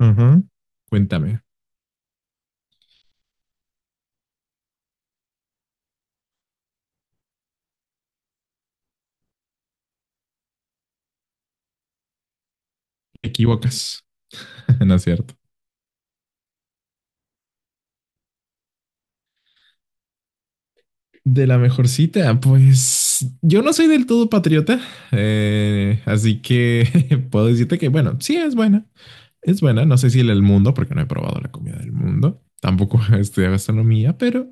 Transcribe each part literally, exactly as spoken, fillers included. Ajá. Cuéntame, ¿te equivocas? No es cierto. De la mejor cita, pues yo no soy del todo patriota, eh, así que puedo decirte que, bueno, sí es buena, es buena. No sé si el del mundo, porque no he probado la comida del mundo, tampoco he gastronomía, pero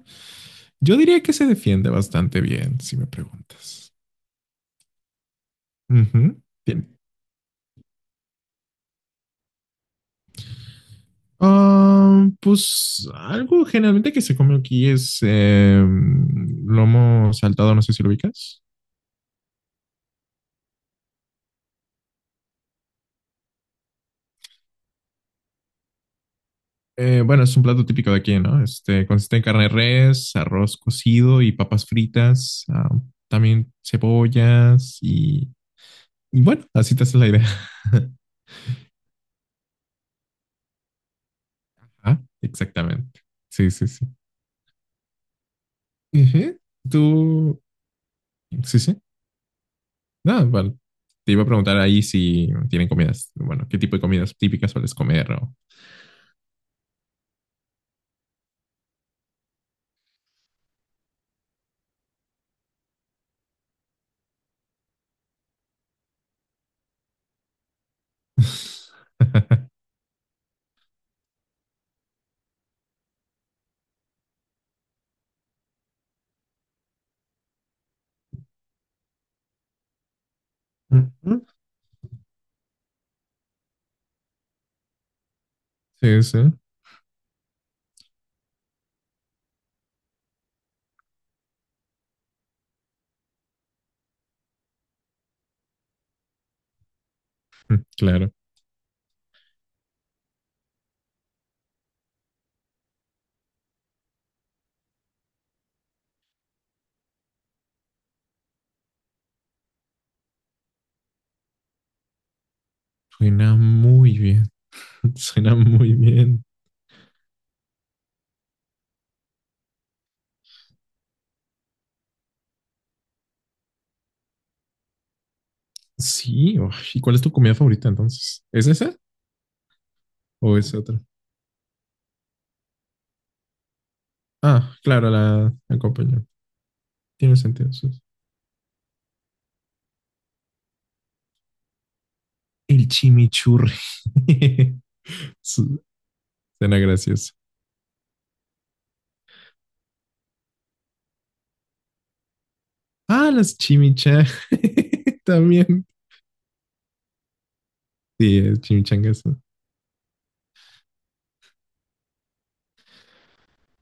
yo diría que se defiende bastante bien, si me preguntas. Ujú. Bien. Ah, pues algo generalmente que se come aquí es eh, lomo saltado, no sé si lo ubicas. Eh, bueno, es un plato típico de aquí, ¿no? Este consiste en carne de res, arroz cocido y papas fritas, ah, también cebollas y, y bueno, así te haces la idea. Ah, exactamente. Sí, sí, sí. Ujú. Tú, sí, sí. Nada, bueno, te iba a preguntar ahí si tienen comidas, bueno, qué tipo de comidas típicas sueles comer o... Ujú. Sí, sí, claro. Suena muy bien, suena muy bien. Sí, uy, ¿y cuál es tu comida favorita entonces? ¿Es esa o es otra? Ah, claro, la acompañante. Tiene sentido, sí. El chimichurri. Suena gracioso. Ah, las chimichangas. También. Sí, es chimichangas.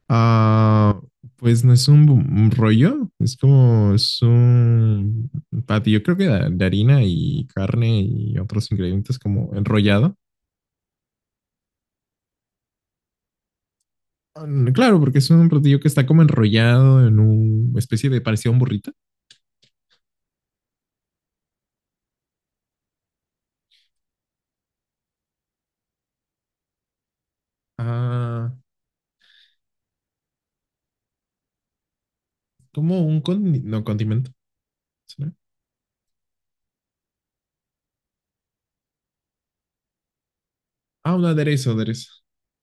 Ah, pues no es un un rollo, es como es un patio, yo creo que de, de harina y carne y otros ingredientes como enrollado. Mm, claro, porque es un platillo que está como enrollado en una especie de parecido a un burrito. Ah, como un con no, condimento. ¿Sí? Ah, un aderezo, aderezo.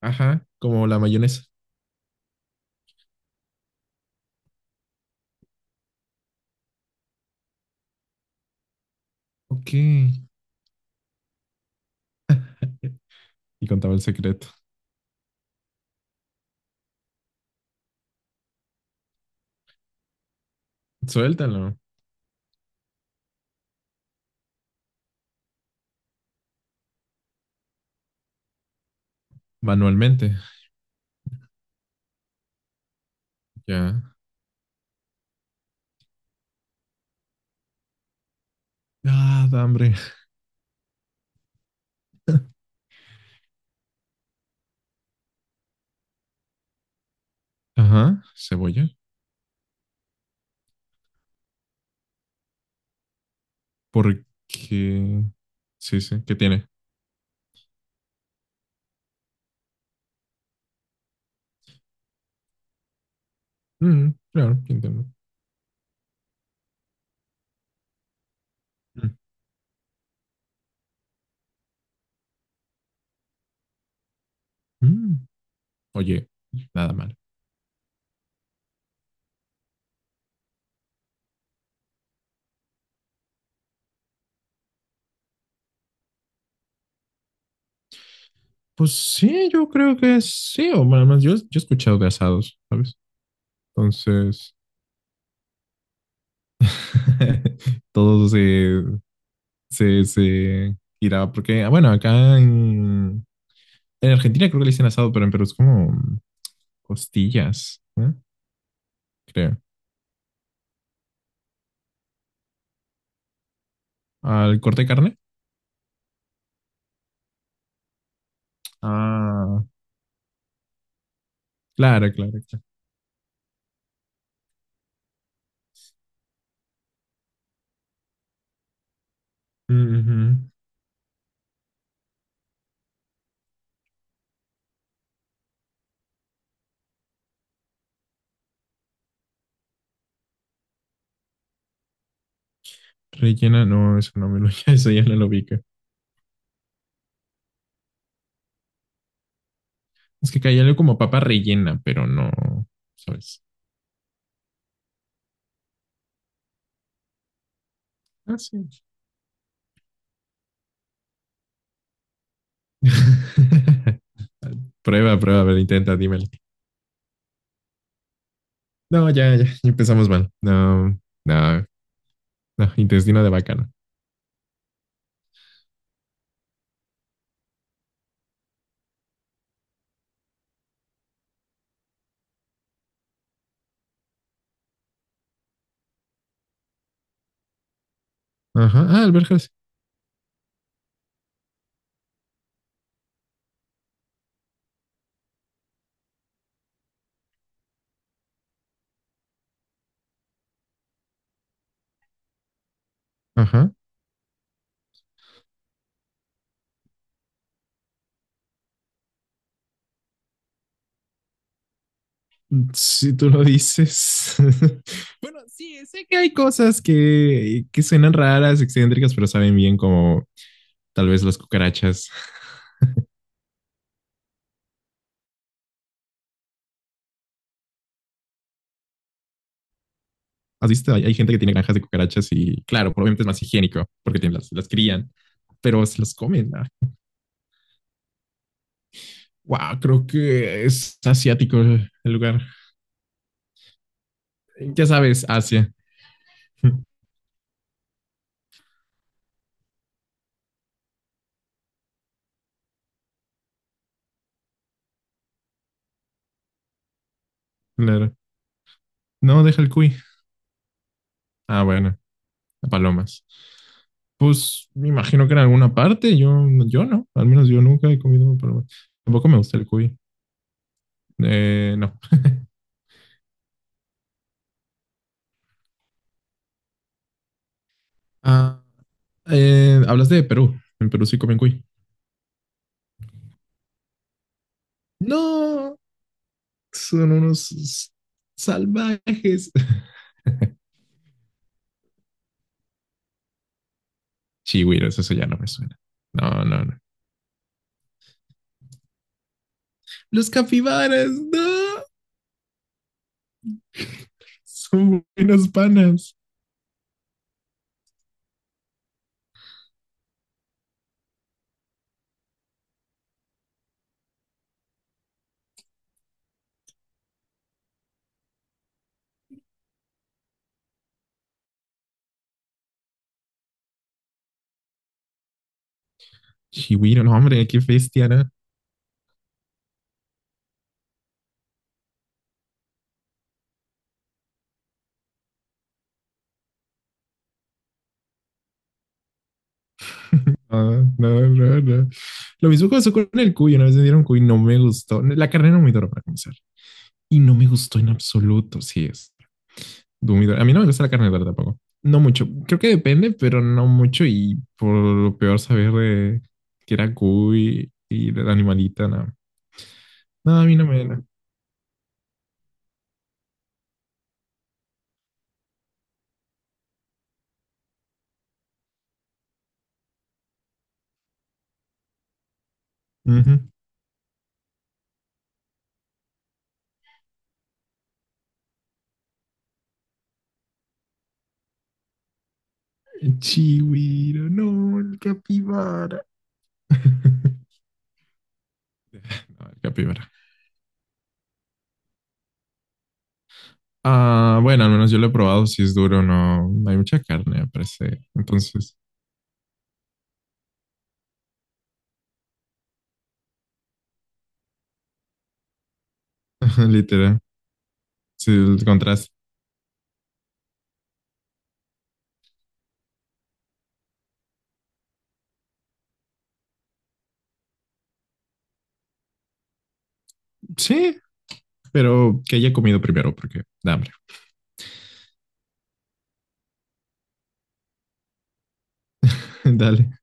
Ajá, como la mayonesa. Ok. Y contaba el secreto. Suéltalo manualmente. Ya. Ah, da hambre. Ajá, cebolla. Porque... Sí, sí, ¿qué tiene? Mm, claro, entiendo. Mm, mm. Oye, nada mal. Pues sí, yo creo que sí, o nada más, yo, yo he escuchado de asados, ¿sabes? Entonces, todo se, se, se irá, porque, ah, bueno, acá en, en Argentina creo que le dicen asado, pero en Perú es como costillas, ¿eh? Creo. ¿Al corte de carne? Ah, claro, claro, claro. Ujú. Rellena, no, eso no me lo, eso ya no lo ubico. Es que caía algo como papa rellena, pero no, ¿sabes? Ah, sí. Prueba, prueba, a ver, intenta, dímelo. No, ya, ya, ya empezamos mal. No, no, no, intestino de vaca, no. Ajá, ah, alberjas. Ajá. Si tú lo dices. Bueno, sí, sé que hay cosas que, que suenan raras, excéntricas, pero saben bien como tal vez las cucarachas. ¿Has visto? Hay, hay gente que tiene granjas de cucarachas y claro, probablemente es más higiénico porque tienen, las, las crían, pero se las comen. Ah, wow, creo que es asiático el lugar. Ya sabes, Asia. Claro. No, deja el cuy. Ah, bueno. Palomas. Pues me imagino que en alguna parte, yo, yo no, al menos yo nunca he comido palomas. Tampoco me gusta el cuy. Eh, no. Ah, eh, hablaste de Perú. En Perú sí comen cuy. No, son unos salvajes. Chigüiros, eso ya no me suena. No, no, no. Los capibaras, no. Son buenos panas. Chigüiro, no, hombre, qué bestia, ¿no? No, no, no, no. Lo mismo pasó con el cuy. Una vez me dieron cuy, no me gustó. La carne no me duró para comenzar. Y no me gustó en absoluto. Sí, es humidor. A mí no me gusta la carne dura tampoco. No mucho. Creo que depende, pero no mucho. Y por lo peor saber de que era cuy y de la animalita, no. No, a mí no me... No. Ujú. El Chihuiro, no, el capibara. No, el capibara. Ah, bueno, al menos yo lo he probado, si es duro, no hay mucha carne, me parece. Entonces, literal, si el contraste. Sí, pero que haya comido primero, porque da hambre. Dale.